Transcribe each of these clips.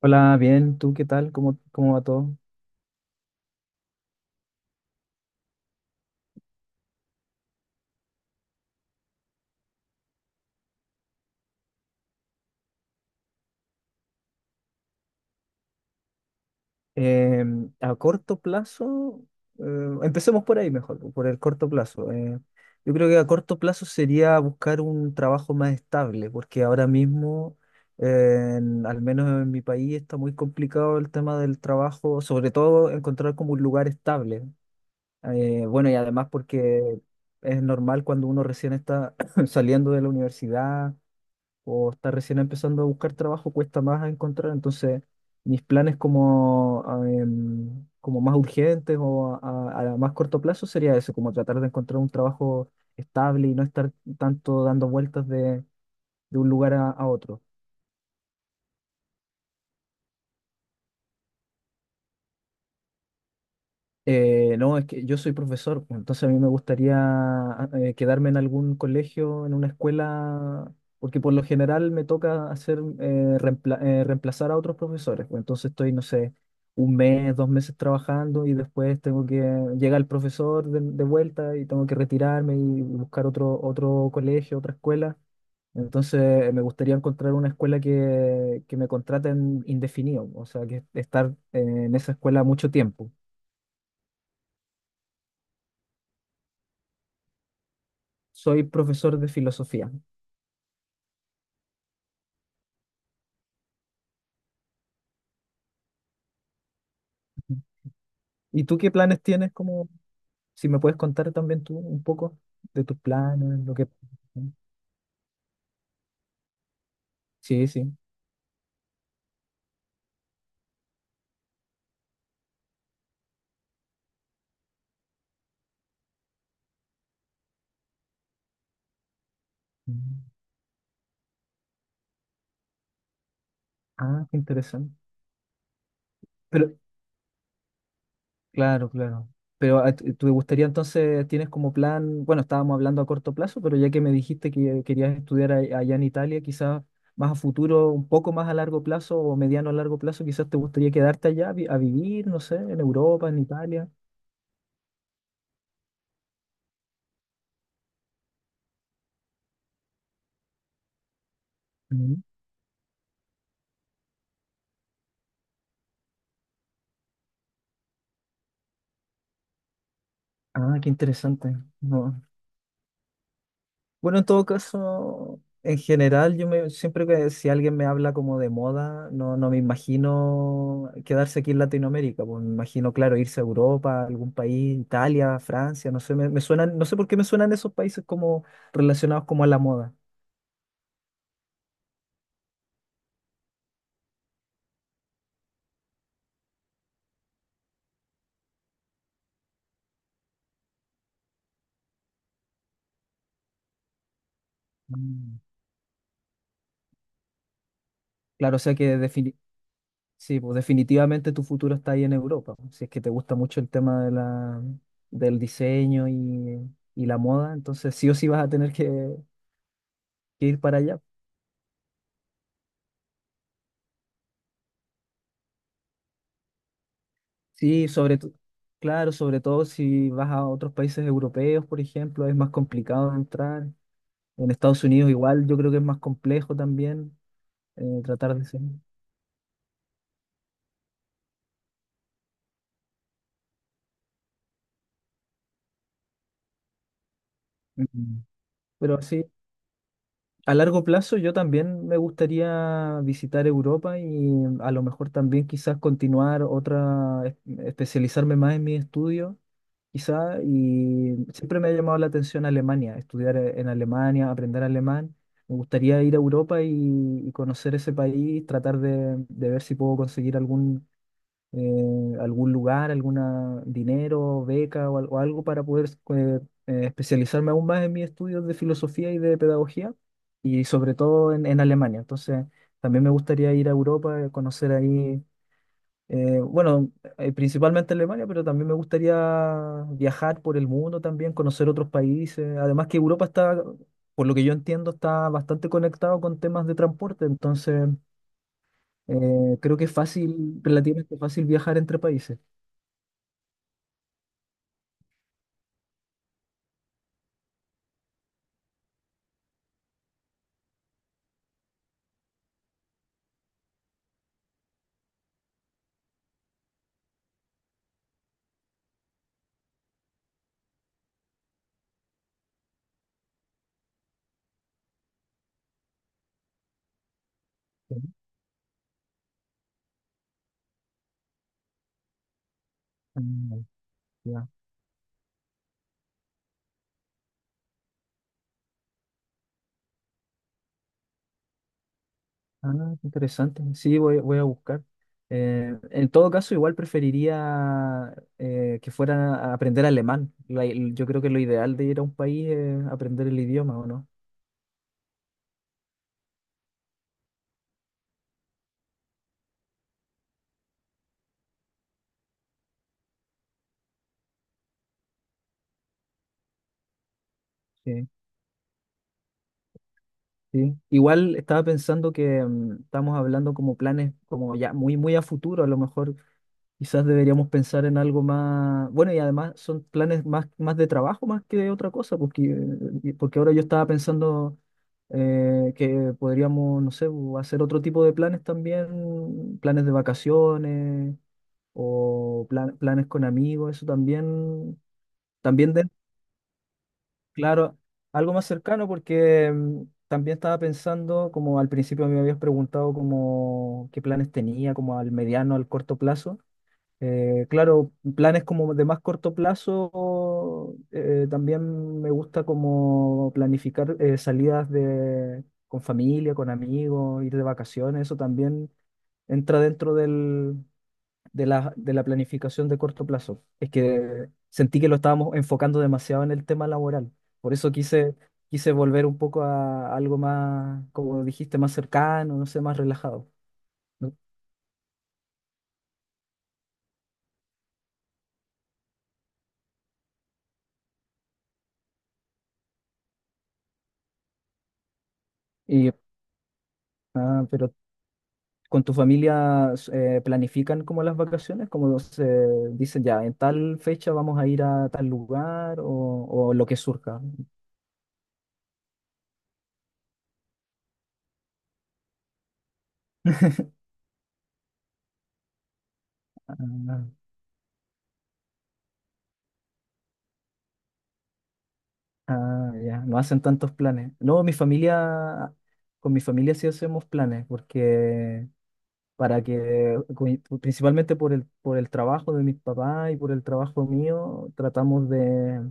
Hola, bien, ¿tú qué tal? ¿¿Cómo va todo? Eh, a corto plazo, eh, empecemos por ahí mejor, por el corto plazo. Yo creo que a corto plazo sería buscar un trabajo más estable, porque ahora mismo, al menos en mi país, está muy complicado el tema del trabajo, sobre todo encontrar como un lugar estable. Bueno, y además porque es normal cuando uno recién está saliendo de la universidad o está recién empezando a buscar trabajo, cuesta más encontrar. Entonces, mis planes como, como más urgentes o a más corto plazo sería eso, como tratar de encontrar un trabajo estable y no estar tanto dando vueltas de un lugar a otro. No, es que yo soy profesor, pues, entonces a mí me gustaría quedarme en algún colegio, en una escuela, porque por lo general me toca hacer reemplazar a otros profesores. Pues, entonces estoy, no sé, un mes, dos meses trabajando y después tengo que llega el profesor de vuelta y tengo que retirarme y buscar otro colegio, otra escuela. Entonces, me gustaría encontrar una escuela que me contraten indefinido, o sea, que estar eh, en esa escuela mucho tiempo. Soy profesor de filosofía. ¿Y tú qué planes tienes? Como, si me puedes contar también tú un poco de tus planes, lo que... Sí, sí. Mm. Ah, qué interesante. Pero, claro, claro. Pero te gustaría entonces, tienes como plan, bueno, estábamos hablando a corto plazo, pero ya que me dijiste que querías estudiar allá en Italia, quizás más a futuro, un poco más a largo plazo o mediano a largo plazo, quizás te gustaría quedarte allá a, a vivir, no sé, en Europa, en Italia. Mm. Ah, qué interesante. No, bueno, en todo caso, en general, yo me, siempre que si alguien me habla como de moda, no, no me imagino quedarse aquí en Latinoamérica, pues me imagino, claro, irse a Europa, algún país, Italia, Francia, no sé, me suenan, no sé por qué me suenan esos países como relacionados como a la moda. Mm. Claro, o sea que sí, pues definitivamente tu futuro está ahí en Europa, pues, si es que te gusta mucho el tema de la, del diseño y la moda, entonces sí o sí vas a tener que ir para allá. Sí, sobre todo, claro, sobre todo si vas a otros países europeos, por ejemplo, es más complicado entrar. En Estados Unidos igual yo creo que es más complejo también tratar de ser. Mm. Pero sí, a largo plazo yo también me gustaría visitar Europa y a lo mejor también quizás continuar otra, especializarme más en mi estudio quizá, y siempre me ha llamado la atención Alemania, estudiar en Alemania, aprender alemán. Me gustaría ir a Europa y conocer ese país, tratar de ver si puedo conseguir algún, algún lugar, alguna dinero, beca o, o algo para poder eh, especializarme aún más en mis estudios de filosofía y de pedagogía, y sobre todo en Alemania. Entonces, también me gustaría ir a Europa, conocer ahí. Eh, bueno, principalmente Alemania, pero también me gustaría viajar por el mundo también, conocer otros países. Además que Europa está, por lo que yo entiendo, está bastante conectado con temas de transporte, entonces creo que es fácil, relativamente fácil viajar entre países. Ujú. Ah, ya. Ah, qué interesante. Sí, voy, voy a buscar. En todo caso, igual preferiría que fuera a aprender alemán. Yo creo que lo ideal de ir a un país es aprender el idioma, ¿o no? Sí. Sí. Igual estaba pensando que mm, estamos hablando como planes como ya muy muy a futuro, a lo mejor quizás deberíamos pensar en algo más, bueno, y además son planes más, más de trabajo más que de otra cosa, porque, porque ahora yo estaba pensando que podríamos, no sé, hacer otro tipo de planes también, planes de vacaciones o planes con amigos, eso también, también claro, algo más cercano porque mm, también estaba pensando, como al principio me habías preguntado como qué planes tenía, como al mediano, al corto plazo. Claro, planes como de más corto plazo, también me gusta como planificar salidas de, con familia, con amigos, ir de vacaciones, eso también entra dentro del, de la planificación de corto plazo. Es que sentí que lo estábamos enfocando demasiado en el tema laboral. Por eso quise, quise volver un poco a algo más, como dijiste, más cercano, no sé, más relajado. ¿No? Y, ah, pero con tu familia planifican como las vacaciones, como se dicen ya, en tal fecha vamos a ir a tal lugar o lo que surja. Ah, ya, no hacen tantos planes. No, mi familia, con mi familia sí hacemos planes, porque para que, principalmente por por el trabajo de mis papás y por el trabajo mío, tratamos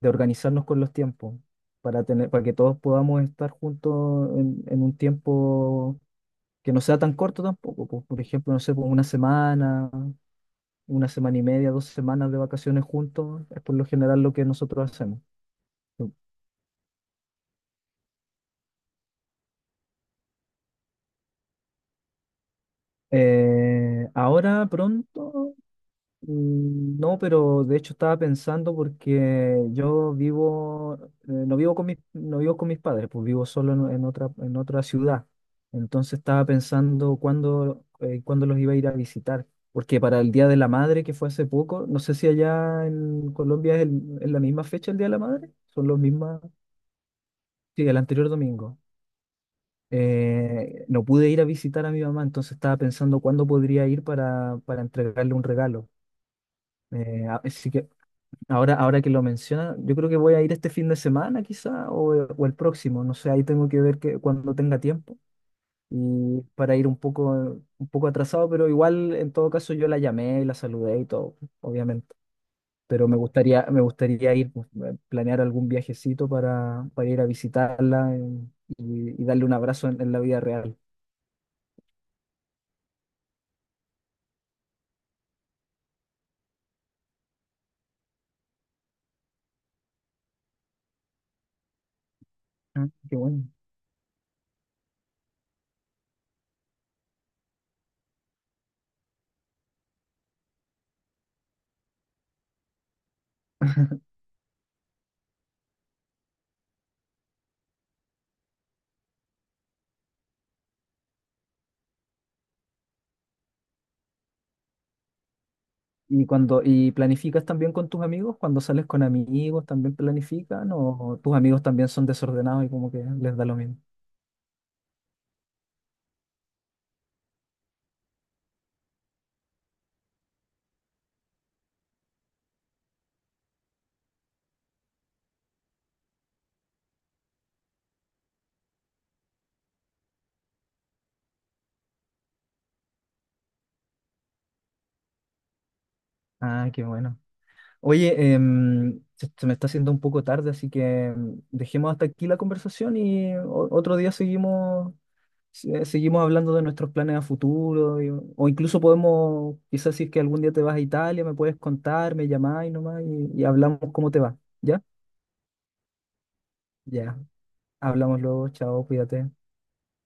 de organizarnos con los tiempos, para tener, para que todos podamos estar juntos en un tiempo que no sea tan corto tampoco. Pues, por ejemplo, no sé, pues una semana y media, dos semanas de vacaciones juntos, es por lo general lo que nosotros hacemos. Ahora pronto, mm, no, pero de hecho estaba pensando porque yo vivo, no vivo con mis padres, pues vivo solo en otra ciudad. Entonces estaba pensando cuándo, cuándo los iba a ir a visitar, porque para el Día de la Madre, que fue hace poco, no sé si allá en Colombia es es la misma fecha el Día de la Madre, son los mismas sí, el anterior domingo no pude ir a visitar a mi mamá, entonces estaba pensando cuándo podría ir para entregarle un regalo. Así que ahora, ahora que lo menciona, yo creo que voy a ir este fin de semana quizá o el próximo, no sé, ahí tengo que ver que, cuando tenga tiempo y para ir un poco atrasado, pero igual en todo caso yo la llamé y la saludé y todo, obviamente. Pero me gustaría ir, pues, planear algún viajecito para ir a visitarla y darle un abrazo en la vida real. Ah, qué bueno. Y cuando, y planificas también con tus amigos, cuando sales con amigos, también planifican, o tus amigos también son desordenados y como que les da lo mismo. Ah, qué bueno. Oye, em, se me está haciendo un poco tarde, así que em, dejemos hasta aquí la conversación y otro día seguimos, seguimos hablando de nuestros planes a futuro, o incluso podemos, quizás si es que algún día te vas a Italia, me puedes contar, me llamás y nomás y hablamos cómo te va, ¿ya? Ya, hablamos luego, chao, cuídate.